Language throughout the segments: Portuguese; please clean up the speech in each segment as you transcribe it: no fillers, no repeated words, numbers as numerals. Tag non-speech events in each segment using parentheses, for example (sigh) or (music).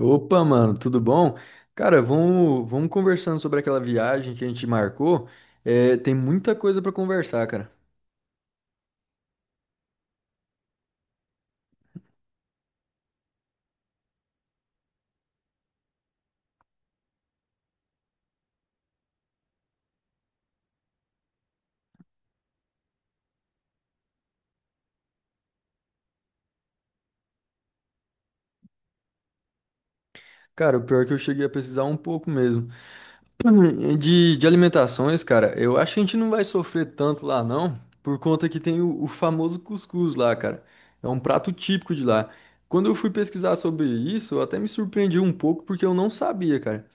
Opa, mano, tudo bom? Cara, vamos conversando sobre aquela viagem que a gente marcou. É, tem muita coisa pra conversar, cara. Cara, o pior é que eu cheguei a pesquisar um pouco mesmo. (clears throat) De alimentações, cara, eu acho que a gente não vai sofrer tanto lá, não, por conta que tem o famoso cuscuz lá, cara. É um prato típico de lá. Quando eu fui pesquisar sobre isso, eu até me surpreendi um pouco porque eu não sabia, cara.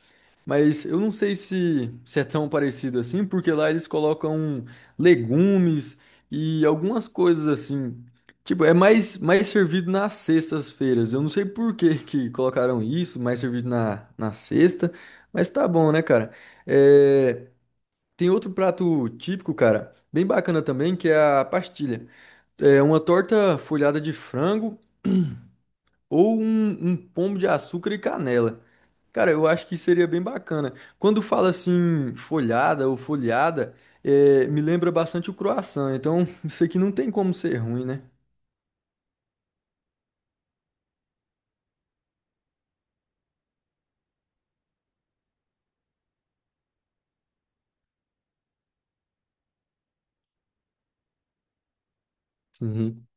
Mas eu não sei se é tão parecido assim, porque lá eles colocam legumes e algumas coisas assim. Tipo, é mais servido nas sextas-feiras. Eu não sei por que (laughs) que colocaram isso, mais servido na sexta, mas tá bom, né, cara? É, tem outro prato típico, cara, bem bacana também, que é a pastilha. É uma torta folhada de frango ou um pombo de açúcar e canela. Cara, eu acho que seria bem bacana. Quando fala assim, folhada ou folhada, é, me lembra bastante o croissant. Então, (laughs) isso aqui não tem como ser ruim, né? (laughs)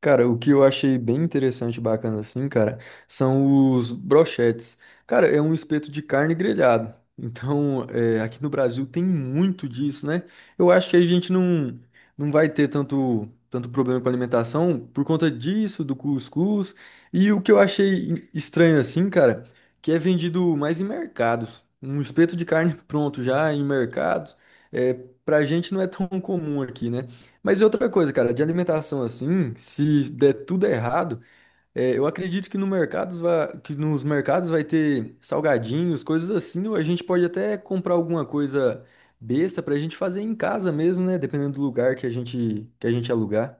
Cara, o que eu achei bem interessante e bacana assim, cara, são os brochetes. Cara, é um espeto de carne grelhado. Então, (laughs) é, aqui no Brasil tem muito disso, né? Eu acho que a gente não vai ter tanto problema com alimentação por conta disso, do cuscuz. E o que eu achei estranho assim, cara, que é vendido mais em mercados. Um espeto de carne (laughs) pronto já em mercados. É, pra gente não é tão comum aqui, né? Mas e outra coisa, cara, de alimentação assim, se der tudo errado, é, eu acredito que, no mercados va- que nos mercados vai ter salgadinhos, coisas assim, ou a gente pode até comprar alguma coisa besta pra gente fazer em casa mesmo, né? Dependendo do lugar que a gente alugar.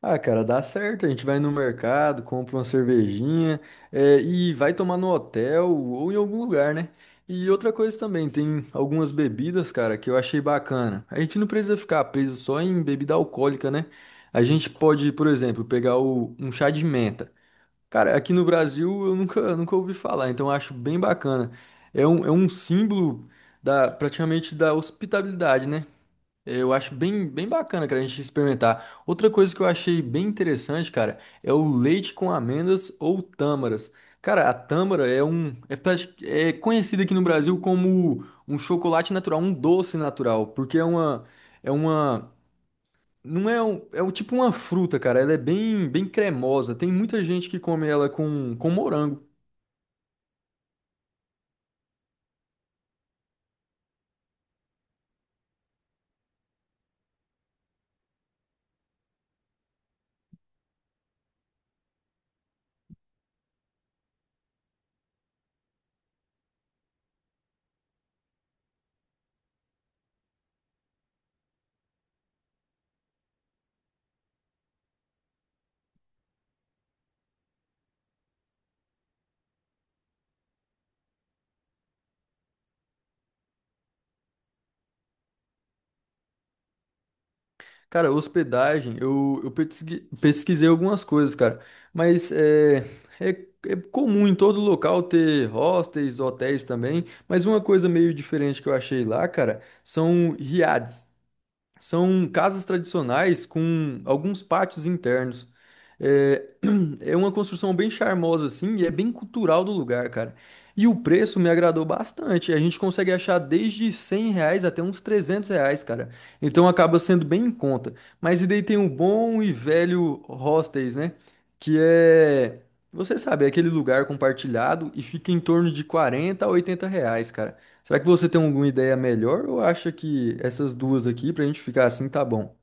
Ah, cara, dá certo. A gente vai no mercado, compra uma cervejinha, e vai tomar no hotel ou em algum lugar, né? E outra coisa também, tem algumas bebidas, cara, que eu achei bacana. A gente não precisa ficar preso só em bebida alcoólica, né? A gente pode, por exemplo, pegar um chá de menta. Cara, aqui no Brasil eu nunca ouvi falar, então eu acho bem bacana. É um símbolo da, praticamente da hospitalidade, né? Eu acho bem bacana, cara, a gente experimentar. Outra coisa que eu achei bem interessante, cara, é o leite com amêndoas ou tâmaras. Cara, a tâmara é conhecida aqui no Brasil como um chocolate natural, um doce natural, porque é uma, não é um, é um, tipo uma fruta, cara. Ela é bem cremosa. Tem muita gente que come ela com morango. Cara, hospedagem, pesquisei algumas coisas, cara, mas é, é comum em todo local ter hostels, hotéis também, mas uma coisa meio diferente que eu achei lá, cara, são riades. São casas tradicionais com alguns pátios internos. Eh, Sim, é uma construção bem charmosa, assim, e é bem cultural do lugar, cara. E o preço me agradou bastante. A gente consegue achar desde 100 reais até uns 300 reais, cara. Então acaba sendo bem em conta. Mas e daí tem o bom e velho hostels, né? Que é, você sabe, é aquele lugar compartilhado e fica em torno de 40 a 80 reais, cara. Será que você tem alguma ideia melhor ou acha que essas duas aqui, pra gente ficar assim, tá bom?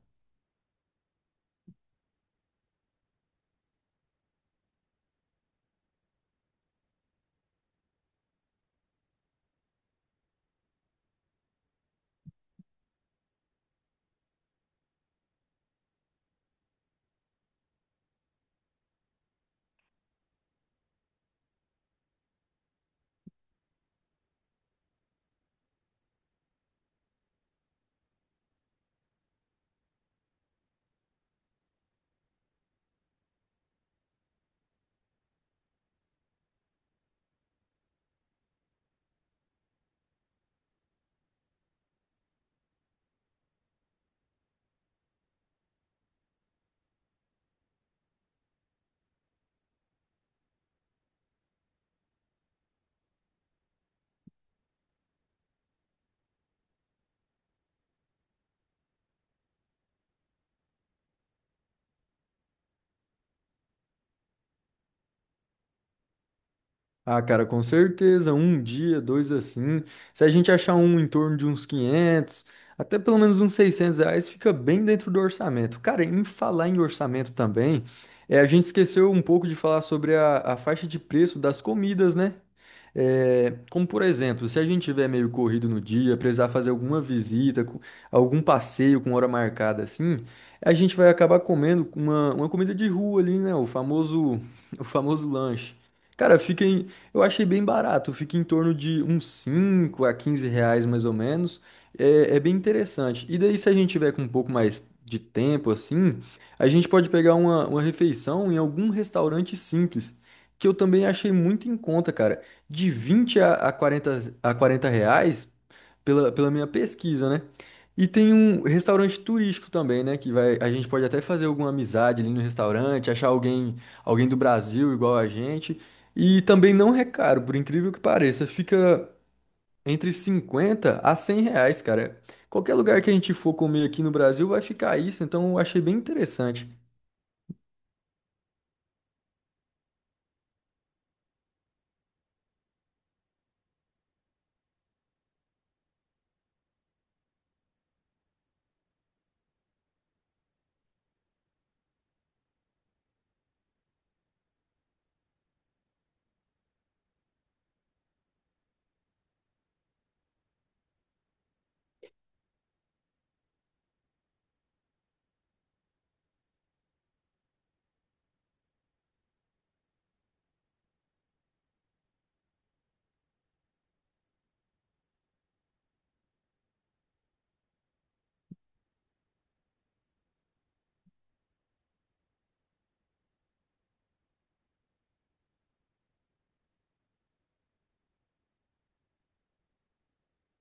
Ah, cara, com certeza, um dia, dois assim. Se a gente achar um em torno de uns 500, até pelo menos uns 600 reais, fica bem dentro do orçamento. Cara, em falar em orçamento também, é, a gente esqueceu um pouco de falar sobre a faixa de preço das comidas, né? É, como por exemplo, se a gente tiver meio corrido no dia, precisar fazer alguma visita, algum passeio com hora marcada assim, a gente vai acabar comendo uma comida de rua ali, né? O famoso, (laughs) o famoso lanche. Cara, eu achei bem barato, fica em torno de uns 5 a 15 reais mais ou menos. É bem interessante. E daí, se a gente tiver com um pouco mais de tempo assim, a gente pode pegar uma refeição em algum restaurante simples, que eu também achei muito em conta, cara de 20 a 40 reais pela minha pesquisa, né? E tem um restaurante turístico também, né? A gente pode até fazer alguma amizade ali no restaurante, achar alguém do Brasil igual a gente. E também não é caro, por incrível que pareça. Fica entre 50 a 100 reais, cara. Qualquer lugar que a gente for comer aqui no Brasil vai ficar isso, então eu achei bem interessante.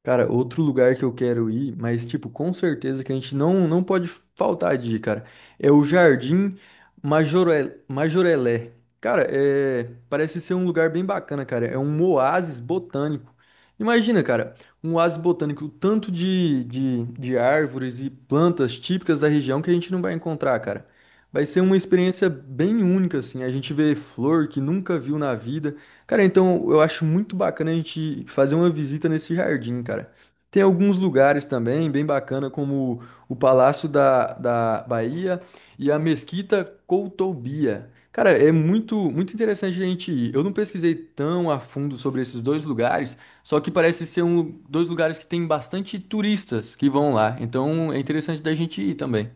Cara, outro lugar que eu quero ir, mas tipo, com certeza que a gente não pode faltar de ir, cara, é o Jardim Majorel, Majorelé. Cara, é, parece ser um lugar bem bacana, cara. É um oásis botânico. Imagina, cara, um oásis botânico, o tanto de árvores e plantas típicas da região que a gente não vai encontrar, cara. Vai ser uma experiência bem única, assim. A gente vê flor que nunca viu na vida. Cara, então eu acho muito bacana a gente fazer uma visita nesse jardim, cara. Tem alguns lugares também bem bacana, como o Palácio da Bahia e a Mesquita Coutobia. Cara, é muito, muito interessante a gente ir. Eu não pesquisei tão a fundo sobre esses dois lugares, só que parece ser um, dois lugares que tem bastante turistas que vão lá. Então é interessante da gente ir também.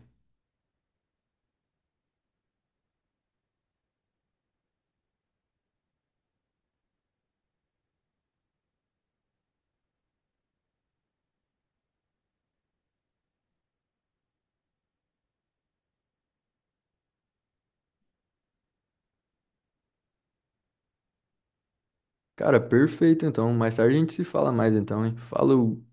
Cara, perfeito então. Mais tarde a gente se fala mais então, hein? Falou!